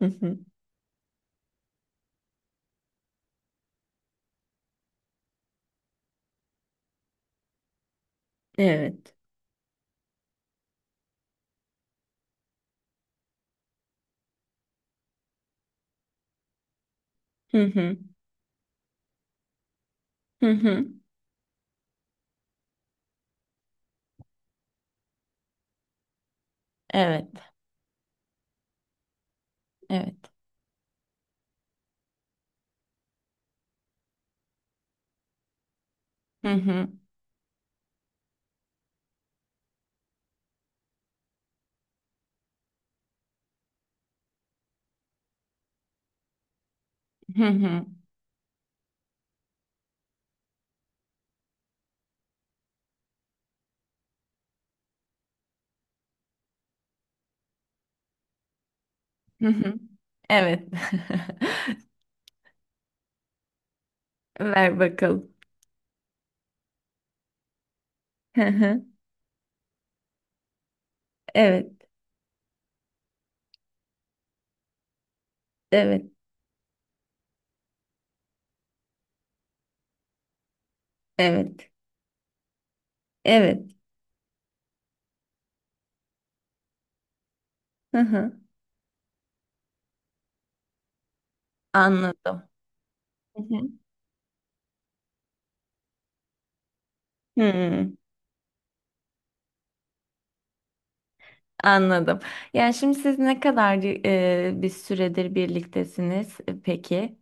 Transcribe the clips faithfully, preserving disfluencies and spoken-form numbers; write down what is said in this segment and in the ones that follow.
Hı hı. Evet. Hı hı. Hı hı. Evet. Evet. Hı hı. Hı hı. Hı hı. Evet. Ver bakalım. Hı hı. Evet. Evet. Evet. Evet. Hı hı. Anladım. Hı hı. Hmm, Anladım. Yani şimdi siz ne kadar e, bir süredir birliktesiniz e, peki?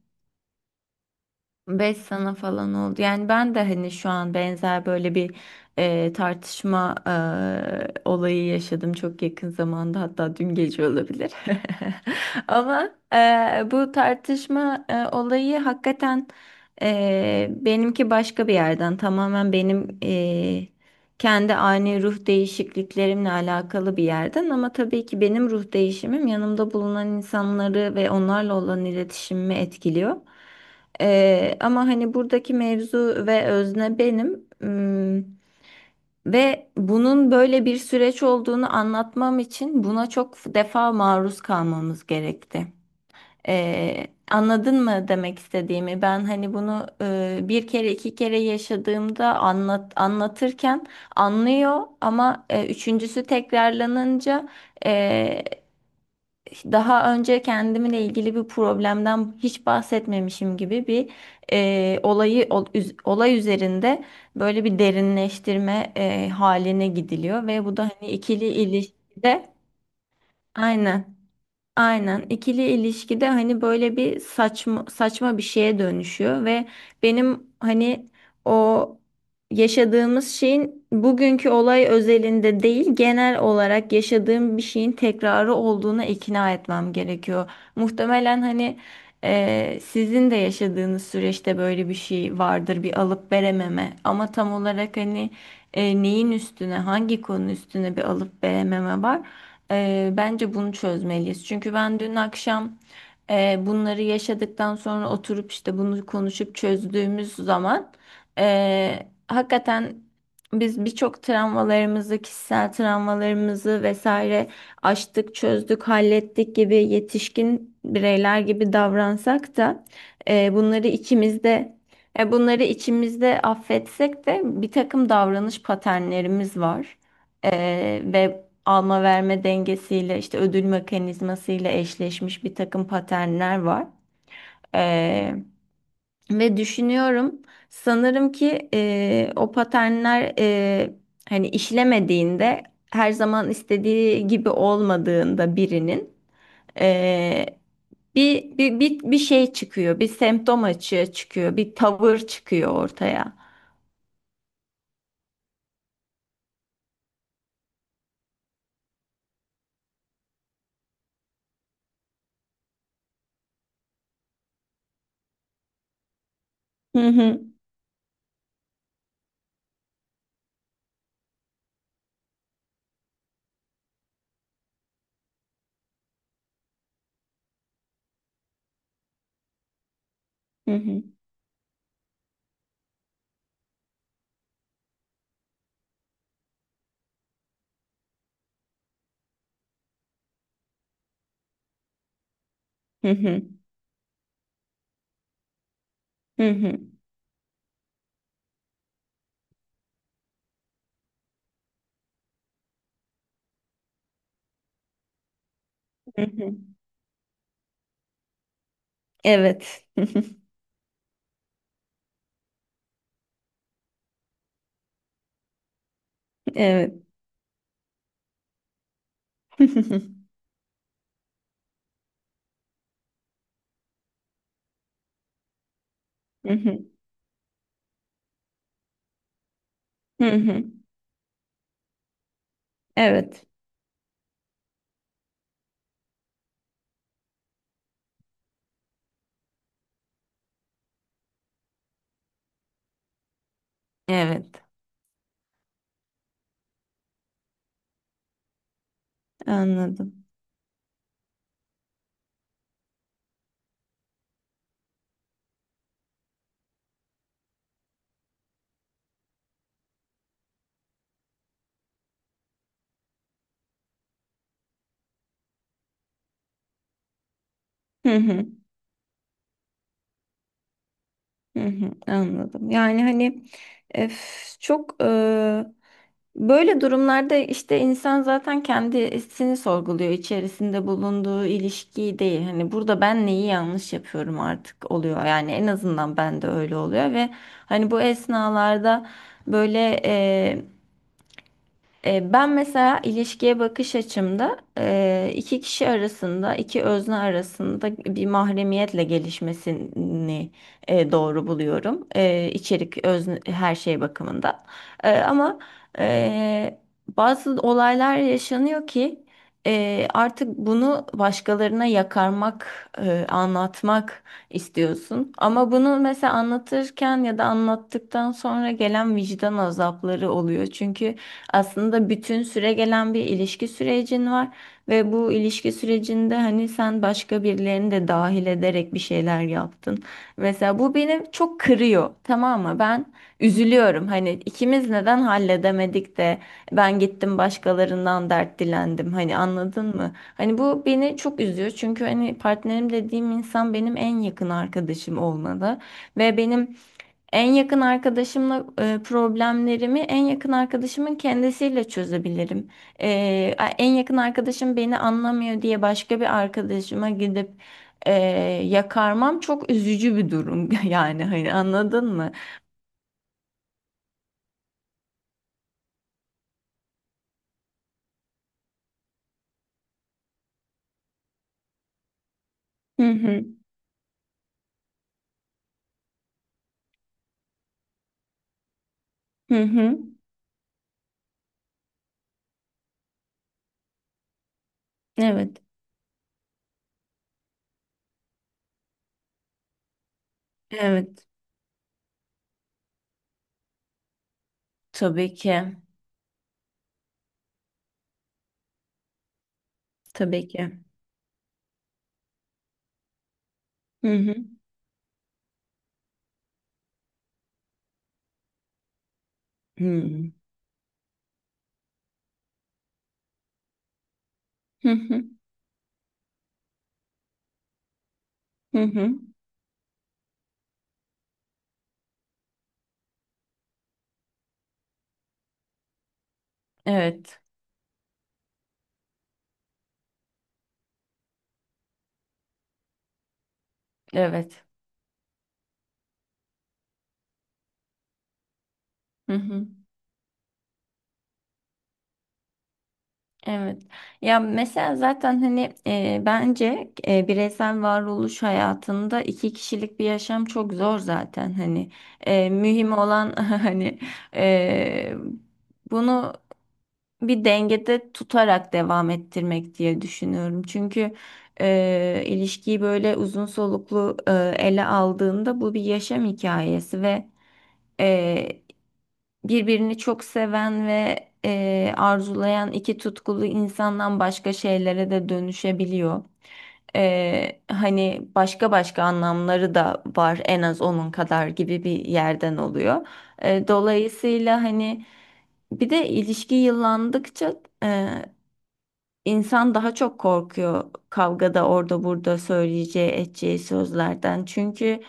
Beş sene falan oldu. Yani ben de hani şu an benzer böyle bir e, tartışma e, olayı yaşadım çok yakın zamanda, hatta dün gece olabilir. Ama e, bu tartışma e, olayı hakikaten e, benimki başka bir yerden, tamamen benim e, kendi ani ruh değişikliklerimle alakalı bir yerden, ama tabii ki benim ruh değişimim yanımda bulunan insanları ve onlarla olan iletişimimi etkiliyor. Ee, ama hani buradaki mevzu ve özne benim. Hmm, Ve bunun böyle bir süreç olduğunu anlatmam için buna çok defa maruz kalmamız gerekti. Ee, anladın mı demek istediğimi? Ben hani bunu e, bir kere iki kere yaşadığımda anlat anlatırken anlıyor, ama e, üçüncüsü tekrarlanınca daha önce kendimle ilgili bir problemden hiç bahsetmemişim gibi bir e, olayı ol- üz- olay üzerinde böyle bir derinleştirme e, haline gidiliyor, ve bu da hani ikili ilişkide aynen. Aynen ikili ilişkide hani böyle bir saçma saçma bir şeye dönüşüyor ve benim hani o yaşadığımız şeyin bugünkü olay özelinde değil, genel olarak yaşadığım bir şeyin tekrarı olduğuna ikna etmem gerekiyor. Muhtemelen hani e, sizin de yaşadığınız süreçte böyle bir şey vardır, bir alıp verememe, ama tam olarak hani e, neyin üstüne, hangi konu üstüne bir alıp verememe var. Ee, bence bunu çözmeliyiz. Çünkü ben dün akşam e, bunları yaşadıktan sonra oturup işte bunu konuşup çözdüğümüz zaman e, hakikaten biz birçok travmalarımızı, kişisel travmalarımızı vesaire aştık, çözdük, hallettik gibi, yetişkin bireyler gibi davransak da e, bunları içimizde e, bunları içimizde affetsek de, bir takım davranış paternlerimiz var. Ee, ve alma verme dengesiyle, işte ödül mekanizmasıyla eşleşmiş bir takım paternler var. Ee, Ve düşünüyorum, sanırım ki e, o paternler e, hani işlemediğinde, her zaman istediği gibi olmadığında birinin e, bir, bir, bir, bir şey çıkıyor, bir semptom açığa çıkıyor, bir tavır çıkıyor ortaya. Hı hı, hı hı, hı hı, hı hı, hı hı. Evet. Evet. Hı hı. Evet, evet. Anladım. Hı hı. Hı hı. Anladım. Yani hani, öf, çok e, böyle durumlarda işte insan zaten kendisini sorguluyor, içerisinde bulunduğu ilişkiyi değil. Hani, burada ben neyi yanlış yapıyorum artık oluyor. Yani en azından ben de öyle oluyor, ve hani bu esnalarda böyle E, ben mesela ilişkiye bakış açımda e, iki kişi arasında, iki özne arasında bir mahremiyetle gelişmesini e, doğru buluyorum. E, içerik, özne, her şey bakımından. E, Ama e, bazı olaylar yaşanıyor ki e, artık bunu başkalarına yakarmak, e, anlatmak istiyorsun. Ama bunu mesela anlatırken ya da anlattıktan sonra gelen vicdan azapları oluyor. Çünkü aslında bütün süre gelen bir ilişki sürecin var, ve bu ilişki sürecinde hani sen başka birilerini de dahil ederek bir şeyler yaptın. Mesela bu beni çok kırıyor, tamam mı? Ben üzülüyorum. Hani ikimiz neden halledemedik de ben gittim başkalarından dert dilendim. Hani anladın mı? Hani bu beni çok üzüyor. Çünkü hani partnerim dediğim insan benim en yakın arkadaşım olmalı, ve benim en yakın arkadaşımla e, problemlerimi en yakın arkadaşımın kendisiyle çözebilirim. E, a- en yakın arkadaşım beni anlamıyor diye başka bir arkadaşıma gidip e, yakarmam çok üzücü bir durum. Yani hani, anladın mı? Hı hı. Hı hı. Evet. Evet. Tabii ki. Tabii ki. Hı hı. Hmm. Hı hı. Hı hı. Hı. Evet. Evet. Hı hı. Evet. Ya mesela zaten hani, e, bence e, bireysel varoluş hayatında iki kişilik bir yaşam çok zor zaten hani E, mühim olan hani e, bunu bir dengede tutarak devam ettirmek diye düşünüyorum. Çünkü e, ilişkiyi böyle uzun soluklu e, ele aldığında bu bir yaşam hikayesi, ve birbirini çok seven ve e, arzulayan iki tutkulu insandan başka şeylere de dönüşebiliyor. E, hani başka başka anlamları da var en az onun kadar, gibi bir yerden oluyor. E, dolayısıyla hani, bir de ilişki yıllandıkça e, insan daha çok korkuyor kavgada orada burada söyleyeceği, edeceği sözlerden. Çünkü.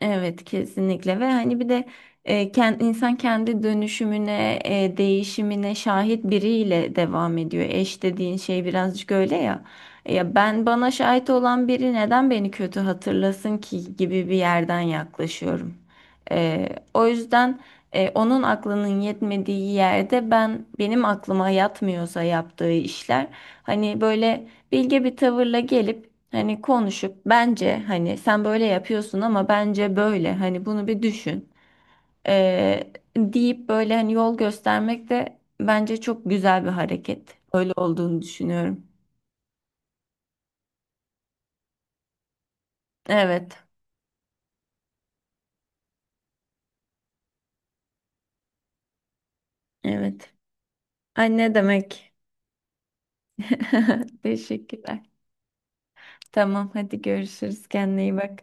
Evet, kesinlikle, ve hani bir de e, kend- insan kendi dönüşümüne, e, değişimine şahit biriyle devam ediyor. Eş dediğin şey birazcık öyle ya. E, Ya ben, bana şahit olan biri neden beni kötü hatırlasın ki, gibi bir yerden yaklaşıyorum. E, o yüzden e, onun aklının yetmediği yerde, ben benim aklıma yatmıyorsa yaptığı işler hani böyle bilge bir tavırla gelip, hani konuşup, bence hani sen böyle yapıyorsun ama bence böyle hani bunu bir düşün, ee, deyip böyle hani yol göstermek de bence çok güzel bir hareket. Öyle olduğunu düşünüyorum. Evet, evet. Ay, ne demek. Teşekkürler. Tamam, hadi görüşürüz, kendine iyi bak.